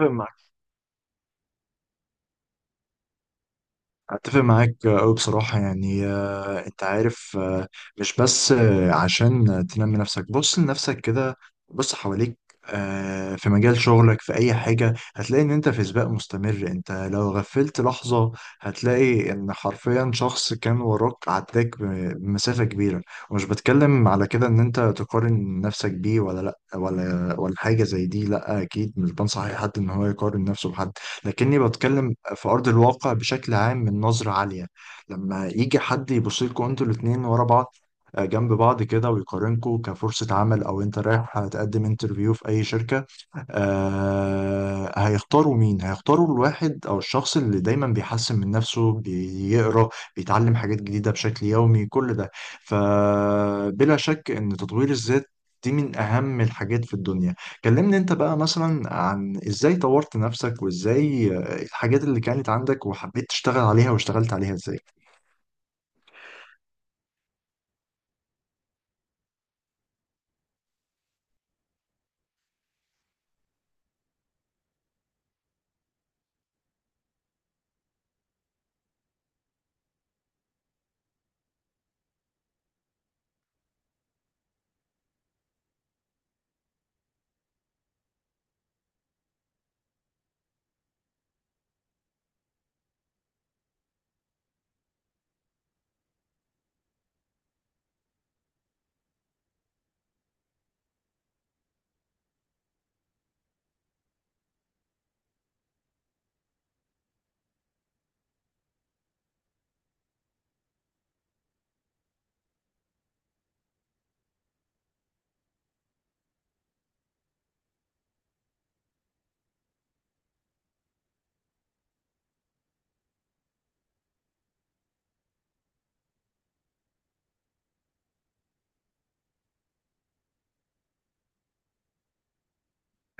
اتفق معاك اتفق معاك قوي بصراحه، يعني، انت عارف، مش بس، عشان تنمي نفسك. بص لنفسك كده، بص حواليك. في مجال شغلك في اي حاجه هتلاقي ان انت في سباق مستمر. انت لو غفلت لحظه هتلاقي ان حرفيا شخص كان وراك عداك بمسافه كبيره. ومش بتكلم على كده ان انت تقارن نفسك بيه، ولا حاجه زي دي. لا، اكيد مش بنصح اي حد ان هو يقارن نفسه بحد، لكني بتكلم في أرض الواقع بشكل عام من نظرة عالية. لما يجي حد يبص لكم انتوا الاتنين ورا بعض، جنب بعض كده، ويقارنكم كفرصة عمل، أو أنت رايح تقدم انترفيو في أي شركة، هيختاروا مين؟ هيختاروا الواحد أو الشخص اللي دايما بيحسن من نفسه، بيقرأ، بيتعلم حاجات جديدة بشكل يومي، كل ده. فبلا شك إن تطوير الذات دي من أهم الحاجات في الدنيا. كلمني أنت بقى مثلا عن إزاي طورت نفسك، وإزاي، الحاجات اللي كانت عندك وحبيت تشتغل عليها، واشتغلت عليها إزاي؟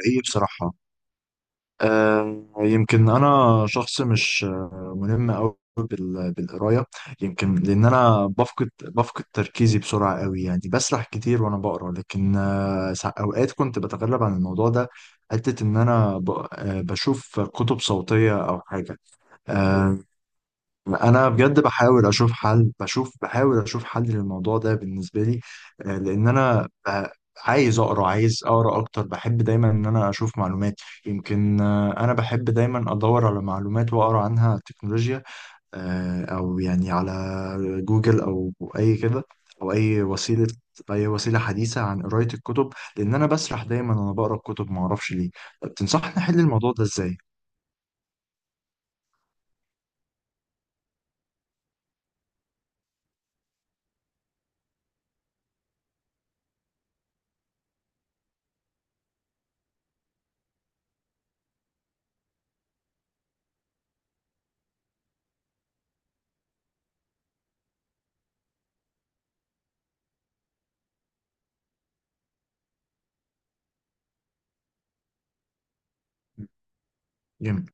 هي بصراحة، يمكن انا شخص مش، ملم قوي بالقرايه. يمكن لان انا بفقد تركيزي بسرعه قوي، يعني بسرح كتير وانا بقرا، لكن، اوقات كنت بتغلب عن الموضوع ده، حته ان انا بشوف كتب صوتيه او حاجه. آه، انا بجد بحاول اشوف حل، للموضوع ده بالنسبه لي، لان انا، عايز اقرا، اكتر. بحب دايما ان انا اشوف معلومات. يمكن، انا بحب دايما ادور على معلومات واقرا عنها، تكنولوجيا، او يعني على جوجل، او اي كده، او اي وسيله، حديثه عن قرايه الكتب، لان انا بسرح دايما وانا بقرا الكتب ما اعرفش ليه. طب تنصحني احل الموضوع ده ازاي؟ جميل.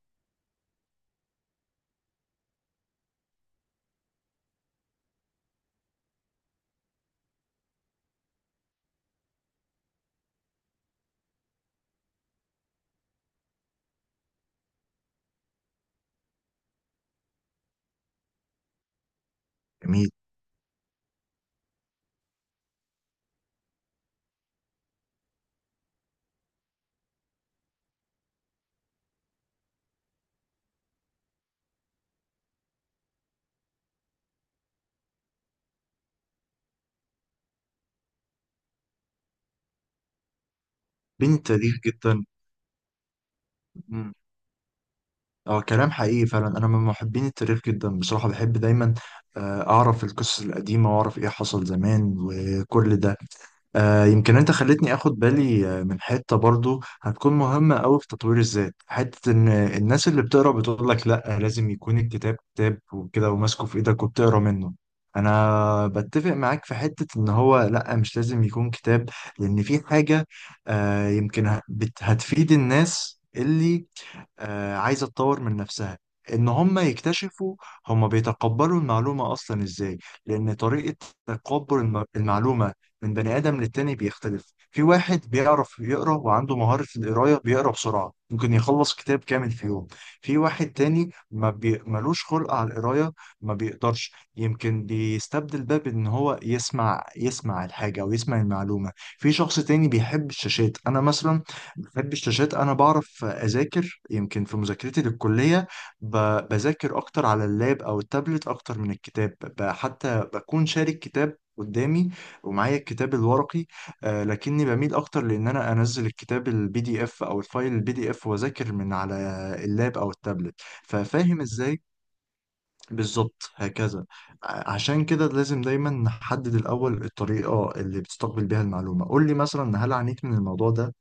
جميل. بين التاريخ جدا. اه، كلام حقيقي فعلا. انا من محبين التاريخ جدا بصراحه، بحب دايما، اعرف القصص القديمه، واعرف ايه حصل زمان وكل ده. يمكن انت خلتني اخد بالي، من حته برضو هتكون مهمه قوي في تطوير الذات. حته ان الناس اللي بتقرا بتقول لك لا، لازم يكون الكتاب كتاب وكده، وماسكه في ايدك وبتقرا منه. انا بتفق معاك في حته ان هو لا، مش لازم يكون كتاب، لان في حاجه، يمكن هتفيد الناس اللي، عايزة تطور من نفسها. ان هم يكتشفوا هم بيتقبلوا المعلومة اصلا ازاي، لان طريقة تقبل المعلومة من بني ادم للتاني بيختلف. في واحد بيعرف يقرا وعنده مهارة القراية، بيقرا بسرعة، ممكن يخلص كتاب كامل في يوم. في واحد تاني ما بي... ملوش خلق على القراية، ما بيقدرش، يمكن بيستبدل ده بان هو يسمع، يسمع الحاجة، او يسمع المعلومة. في شخص تاني بيحب الشاشات، انا مثلا بحب الشاشات. انا بعرف اذاكر، يمكن في مذاكرتي للكليه، بذاكر اكتر على اللاب او التابلت اكتر من الكتاب، حتى بكون شارك كتاب قدامي ومعايا الكتاب الورقي. آه، لكني بميل اكتر لان انا انزل الكتاب البي دي اف، او الفايل البي دي اف، واذاكر من على اللاب او التابلت. ففاهم ازاي، بالظبط هكذا. عشان كده لازم دايما نحدد الاول الطريقه اللي بتستقبل بيها المعلومه. قول لي مثلا، هل عانيت من الموضوع ده؟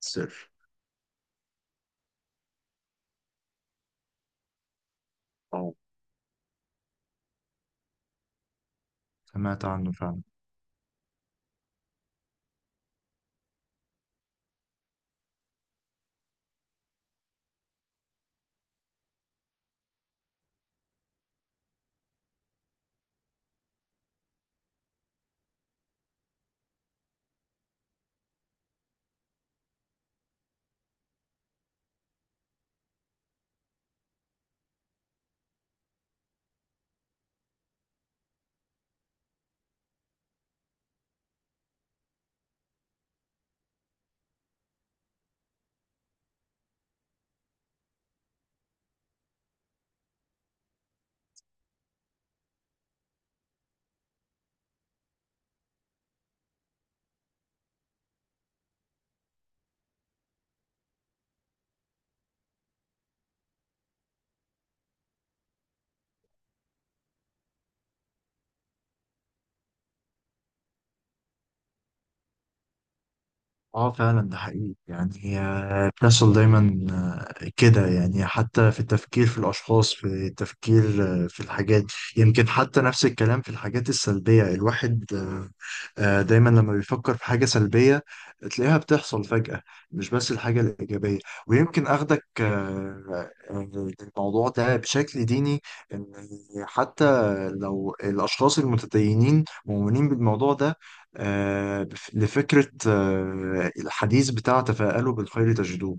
سر. سمعت عنه فعلا. اه، فعلا ده حقيقي، يعني هي بتحصل دايما، كده يعني، حتى في التفكير في الأشخاص، في التفكير، في الحاجات. يمكن حتى نفس الكلام في الحاجات السلبية، الواحد، دايما لما بيفكر في حاجة سلبية تلاقيها بتحصل فجأة، مش بس الحاجة الإيجابية. ويمكن أخدك، الموضوع ده بشكل ديني، إن حتى لو الأشخاص المتدينين مؤمنين بالموضوع ده، آه، لفكرة، الحديث بتاع تفاءلوا بالخير تجدوه.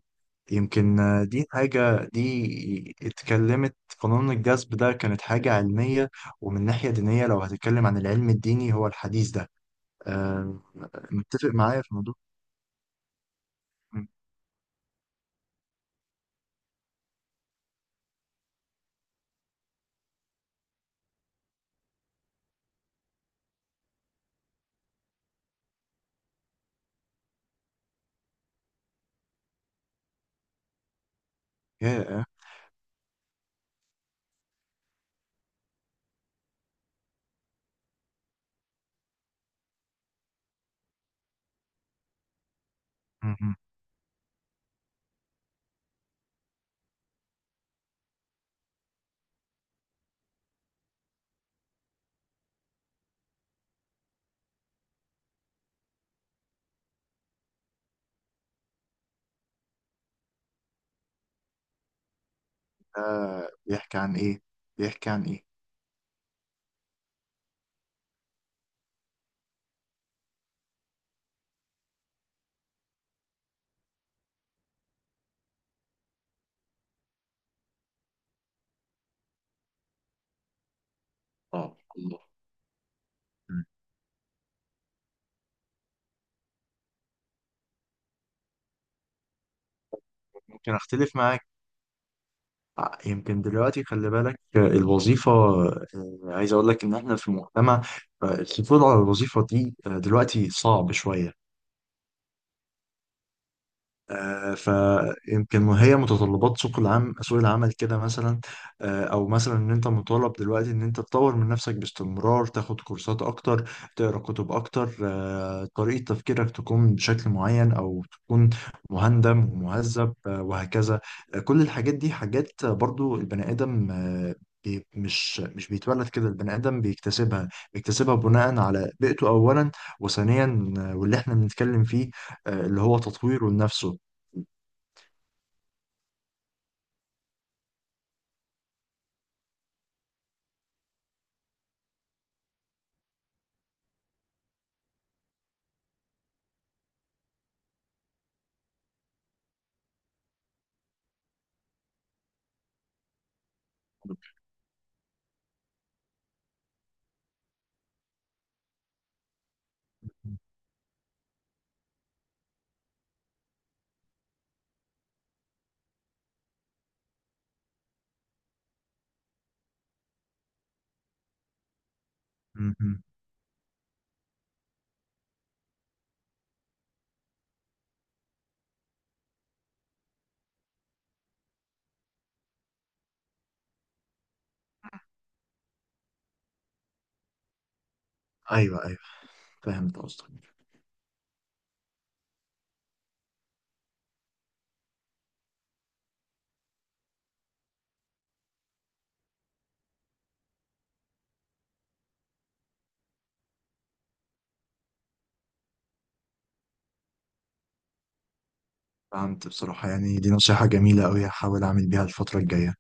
يمكن، دي حاجة، دي اتكلمت قانون الجذب ده كانت حاجة علمية، ومن ناحية دينية لو هتتكلم عن العلم الديني هو الحديث ده. آه، متفق معايا في الموضوع. مم. يا. مم. بيحكي عن إيه؟ بيحكي عن إيه؟ اه، الله. مم. ممكن أختلف معاك. يمكن دلوقتي خلي بالك، الوظيفة، عايز أقول لك إن إحنا في مجتمع، الحصول على الوظيفة دي، دلوقتي صعب شوية. فيمكن هي متطلبات سوق العمل، كده مثلا. او مثلا ان انت مطالب دلوقتي ان انت تطور من نفسك باستمرار، تاخد كورسات اكتر، تقرا كتب اكتر، طريقة تفكيرك تكون بشكل معين، او تكون مهندم ومهذب، وهكذا. كل الحاجات دي حاجات برضو البني ادم، مش بيتولد كده. البني ادم بيكتسبها، بناء على بيئته اولا، وثانيا، واللي احنا بنتكلم فيه، اللي هو تطويره لنفسه. م-م. ايوه، ايوه، فهمت قصدك. فهمت بصراحة، يعني دي نصيحة جميلة أوي، هحاول أعمل بيها الفترة الجاية.